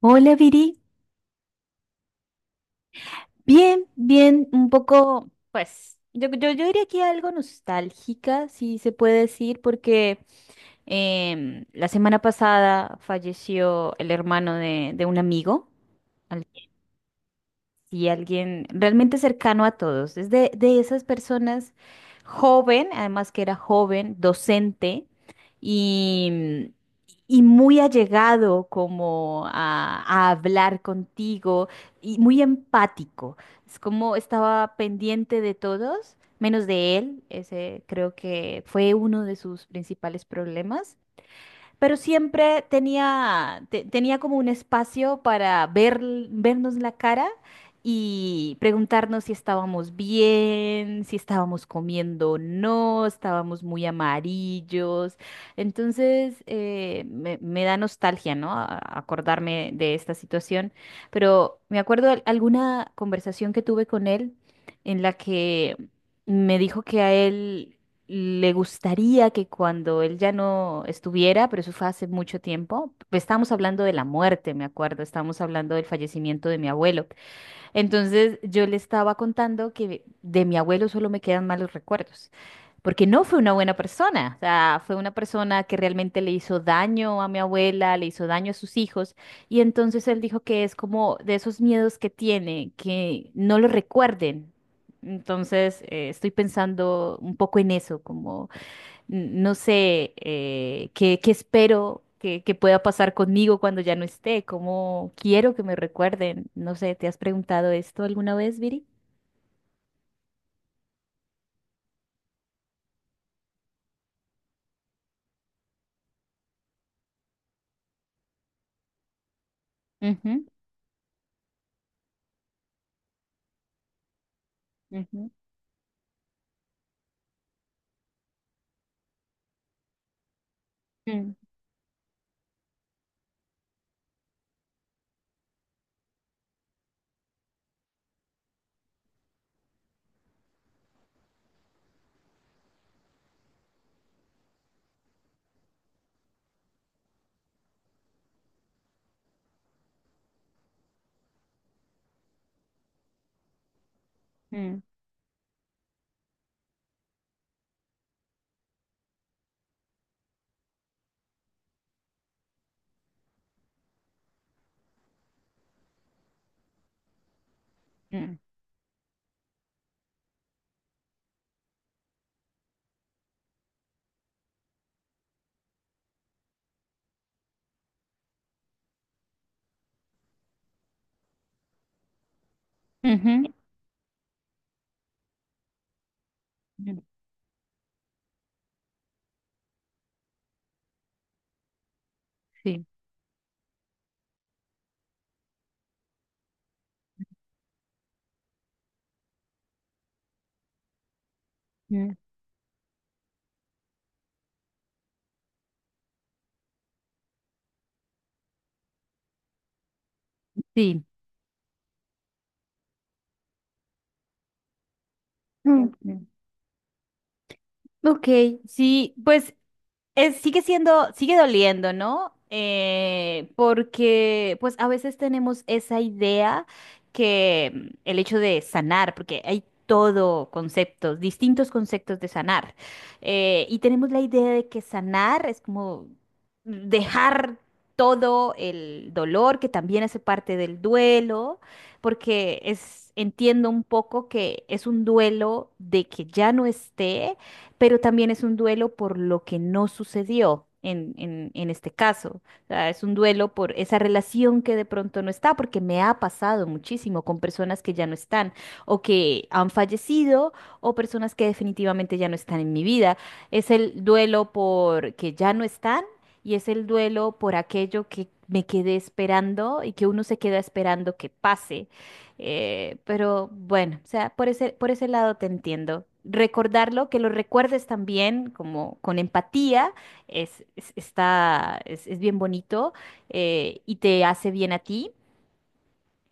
Hola Viri, bien, bien, un poco, pues, yo diría que algo nostálgica, si se puede decir, porque la semana pasada falleció el hermano de un amigo, y alguien realmente cercano a todos. Es de esas personas joven, además que era joven, docente y, y muy allegado como a hablar contigo y muy empático. Es como estaba pendiente de todos, menos de él. Ese creo que fue uno de sus principales problemas, pero siempre tenía, tenía como un espacio para ver, vernos la cara y preguntarnos si estábamos bien, si estábamos comiendo o no, estábamos muy amarillos. Entonces, me da nostalgia, ¿no? Acordarme de esta situación, pero me acuerdo de alguna conversación que tuve con él en la que me dijo que a él le gustaría que cuando él ya no estuviera, pero eso fue hace mucho tiempo, pues estábamos hablando de la muerte, me acuerdo, estábamos hablando del fallecimiento de mi abuelo. Entonces yo le estaba contando que de mi abuelo solo me quedan malos recuerdos, porque no fue una buena persona, o sea, fue una persona que realmente le hizo daño a mi abuela, le hizo daño a sus hijos, y entonces él dijo que es como de esos miedos que tiene, que no lo recuerden. Entonces estoy pensando un poco en eso, como no sé, qué espero que pueda pasar conmigo cuando ya no esté, cómo quiero que me recuerden. No sé, ¿te has preguntado esto alguna vez, Viri? Ujú, ujú, mm, mm, mm, ujú, mm, sí. Mm, sí. Mm, ok, sí, pues sigue siendo, sigue doliendo, ¿no? Porque pues a veces tenemos esa idea que mm, el hecho de sanar, porque hay todo conceptos, distintos conceptos de sanar, y tenemos la idea de que sanar es como dejar todo el dolor, que también hace parte del duelo, porque es, entiendo un poco que es un duelo de que ya no esté, pero también es un duelo por lo que no sucedió en este caso. O sea, es un duelo por esa relación que de pronto no está, porque me ha pasado muchísimo con personas que ya no están, o que han fallecido, o personas que definitivamente ya no están en mi vida. Es el duelo por que ya no están y es el duelo por aquello que me quedé esperando y que uno se queda esperando que pase. Pero bueno, o sea, por ese lado te entiendo. Recordarlo, que lo recuerdes también como con empatía, es bien bonito, y te hace bien a ti.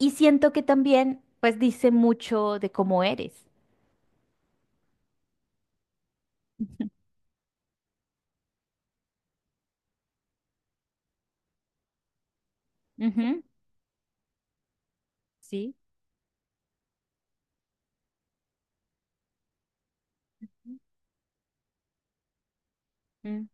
Y siento que también, pues, dice mucho de cómo eres. Ujú, sí. Mm,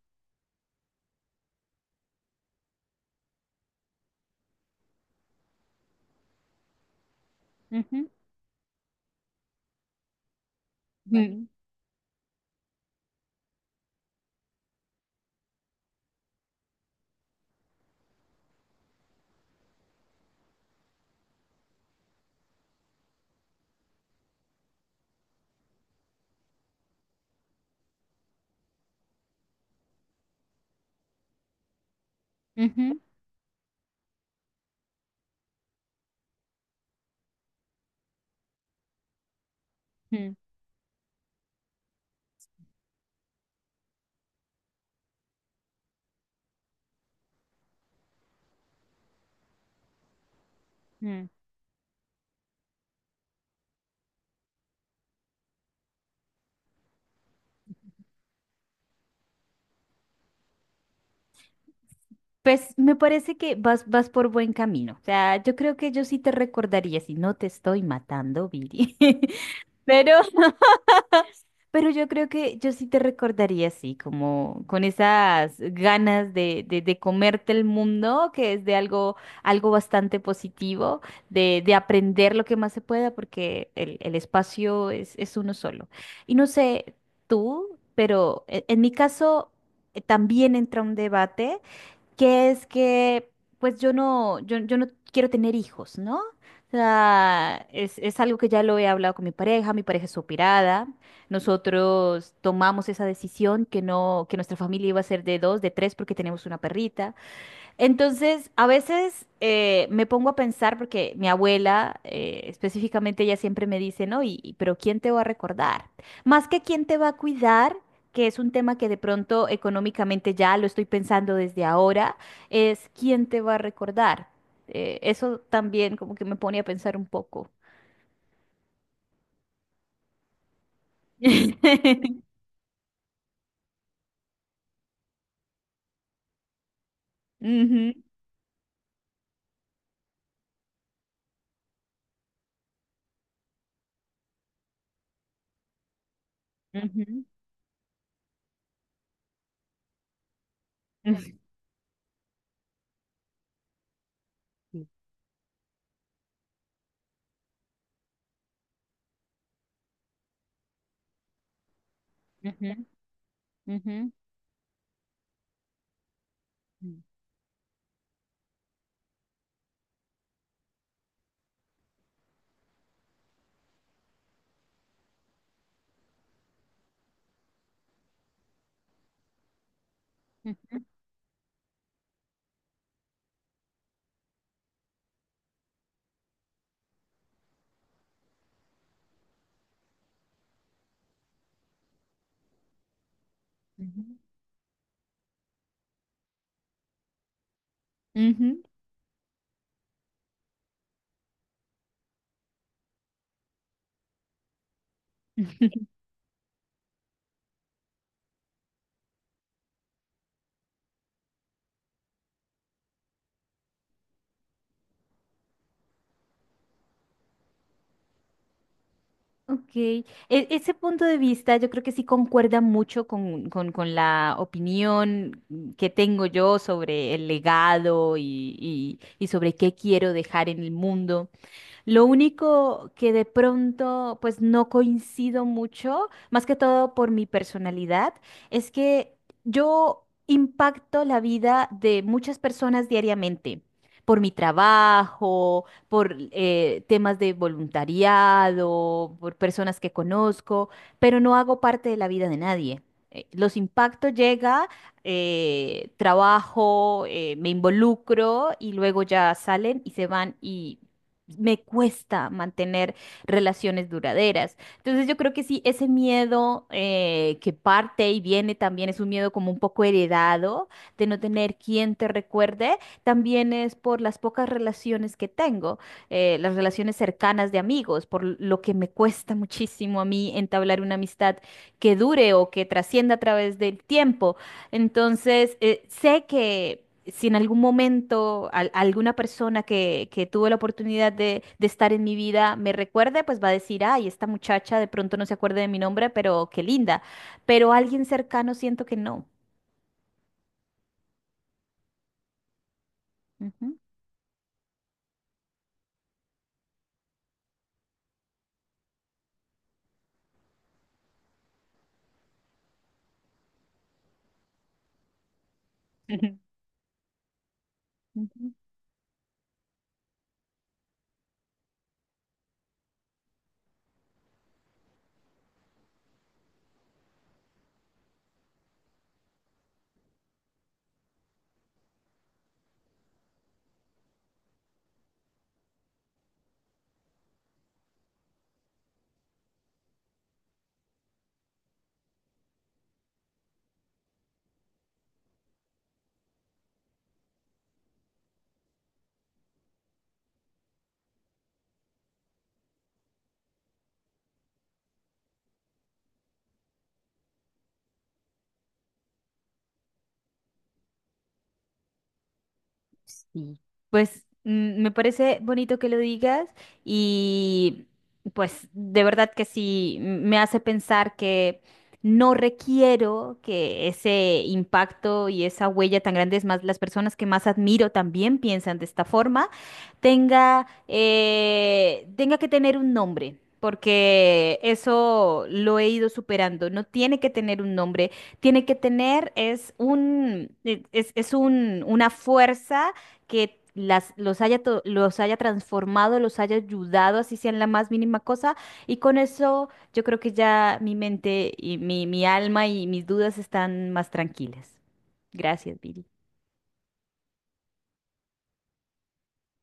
ujú, mm, ujú, mm, mm. Pues me parece que vas, vas por buen camino. O sea, yo creo que yo sí te recordaría si no te estoy matando, Viri. Pero Pero yo creo que yo sí te recordaría así, como con esas ganas de comerte el mundo, que es de algo, algo bastante positivo, de aprender lo que más se pueda, porque el espacio es uno solo. Y no sé tú, pero en mi caso también entra un debate que es que pues yo no, yo no quiero tener hijos, ¿no? O sea, es algo que ya lo he hablado con mi pareja es operada, nosotros tomamos esa decisión que no, que nuestra familia iba a ser de dos, de tres, porque tenemos una perrita. Entonces, a veces me pongo a pensar, porque mi abuela, específicamente, ella siempre me dice, ¿no? Pero ¿quién te va a recordar? Más que quién te va a cuidar, que es un tema que de pronto económicamente ya lo estoy pensando desde ahora, es quién te va a recordar. Eso también como que me pone a pensar un poco. Ujú, ujú, ujú, ujú, ujú, ujú, ujú, ujú. Ok, ese punto de vista yo creo que sí concuerda mucho con, con la opinión que tengo yo sobre el legado y, y sobre qué quiero dejar en el mundo. Lo único que de pronto, pues no coincido mucho, más que todo por mi personalidad, es que yo impacto la vida de muchas personas diariamente, por mi trabajo, por temas de voluntariado, por personas que conozco, pero no hago parte de la vida de nadie. Los impactos llega, trabajo, me involucro y luego ya salen y se van y me cuesta mantener relaciones duraderas. Entonces yo creo que sí, ese miedo que parte y viene también es un miedo como un poco heredado de no tener quien te recuerde, también es por las pocas relaciones que tengo, las relaciones cercanas de amigos, por lo que me cuesta muchísimo a mí entablar una amistad que dure o que trascienda a través del tiempo. Entonces, sé que si en algún momento alguna persona que tuvo la oportunidad de estar en mi vida me recuerde, pues va a decir, ay, esta muchacha de pronto no se acuerda de mi nombre, pero qué linda. Pero alguien cercano siento que no. Ujú, ujú. Sí, pues mm, me parece bonito que lo digas y pues de verdad que sí, me hace pensar que no requiero que ese impacto y esa huella tan grande, es más, las personas que más admiro también piensan de esta forma, tenga, tenga que tener un nombre. Porque eso lo he ido superando. No tiene que tener un nombre. Tiene que tener es es una fuerza que los haya, los haya transformado, los haya ayudado, así sea en la más mínima cosa. Y con eso yo creo que ya mi mente y mi alma y mis dudas están más tranquilas. Gracias, Viri.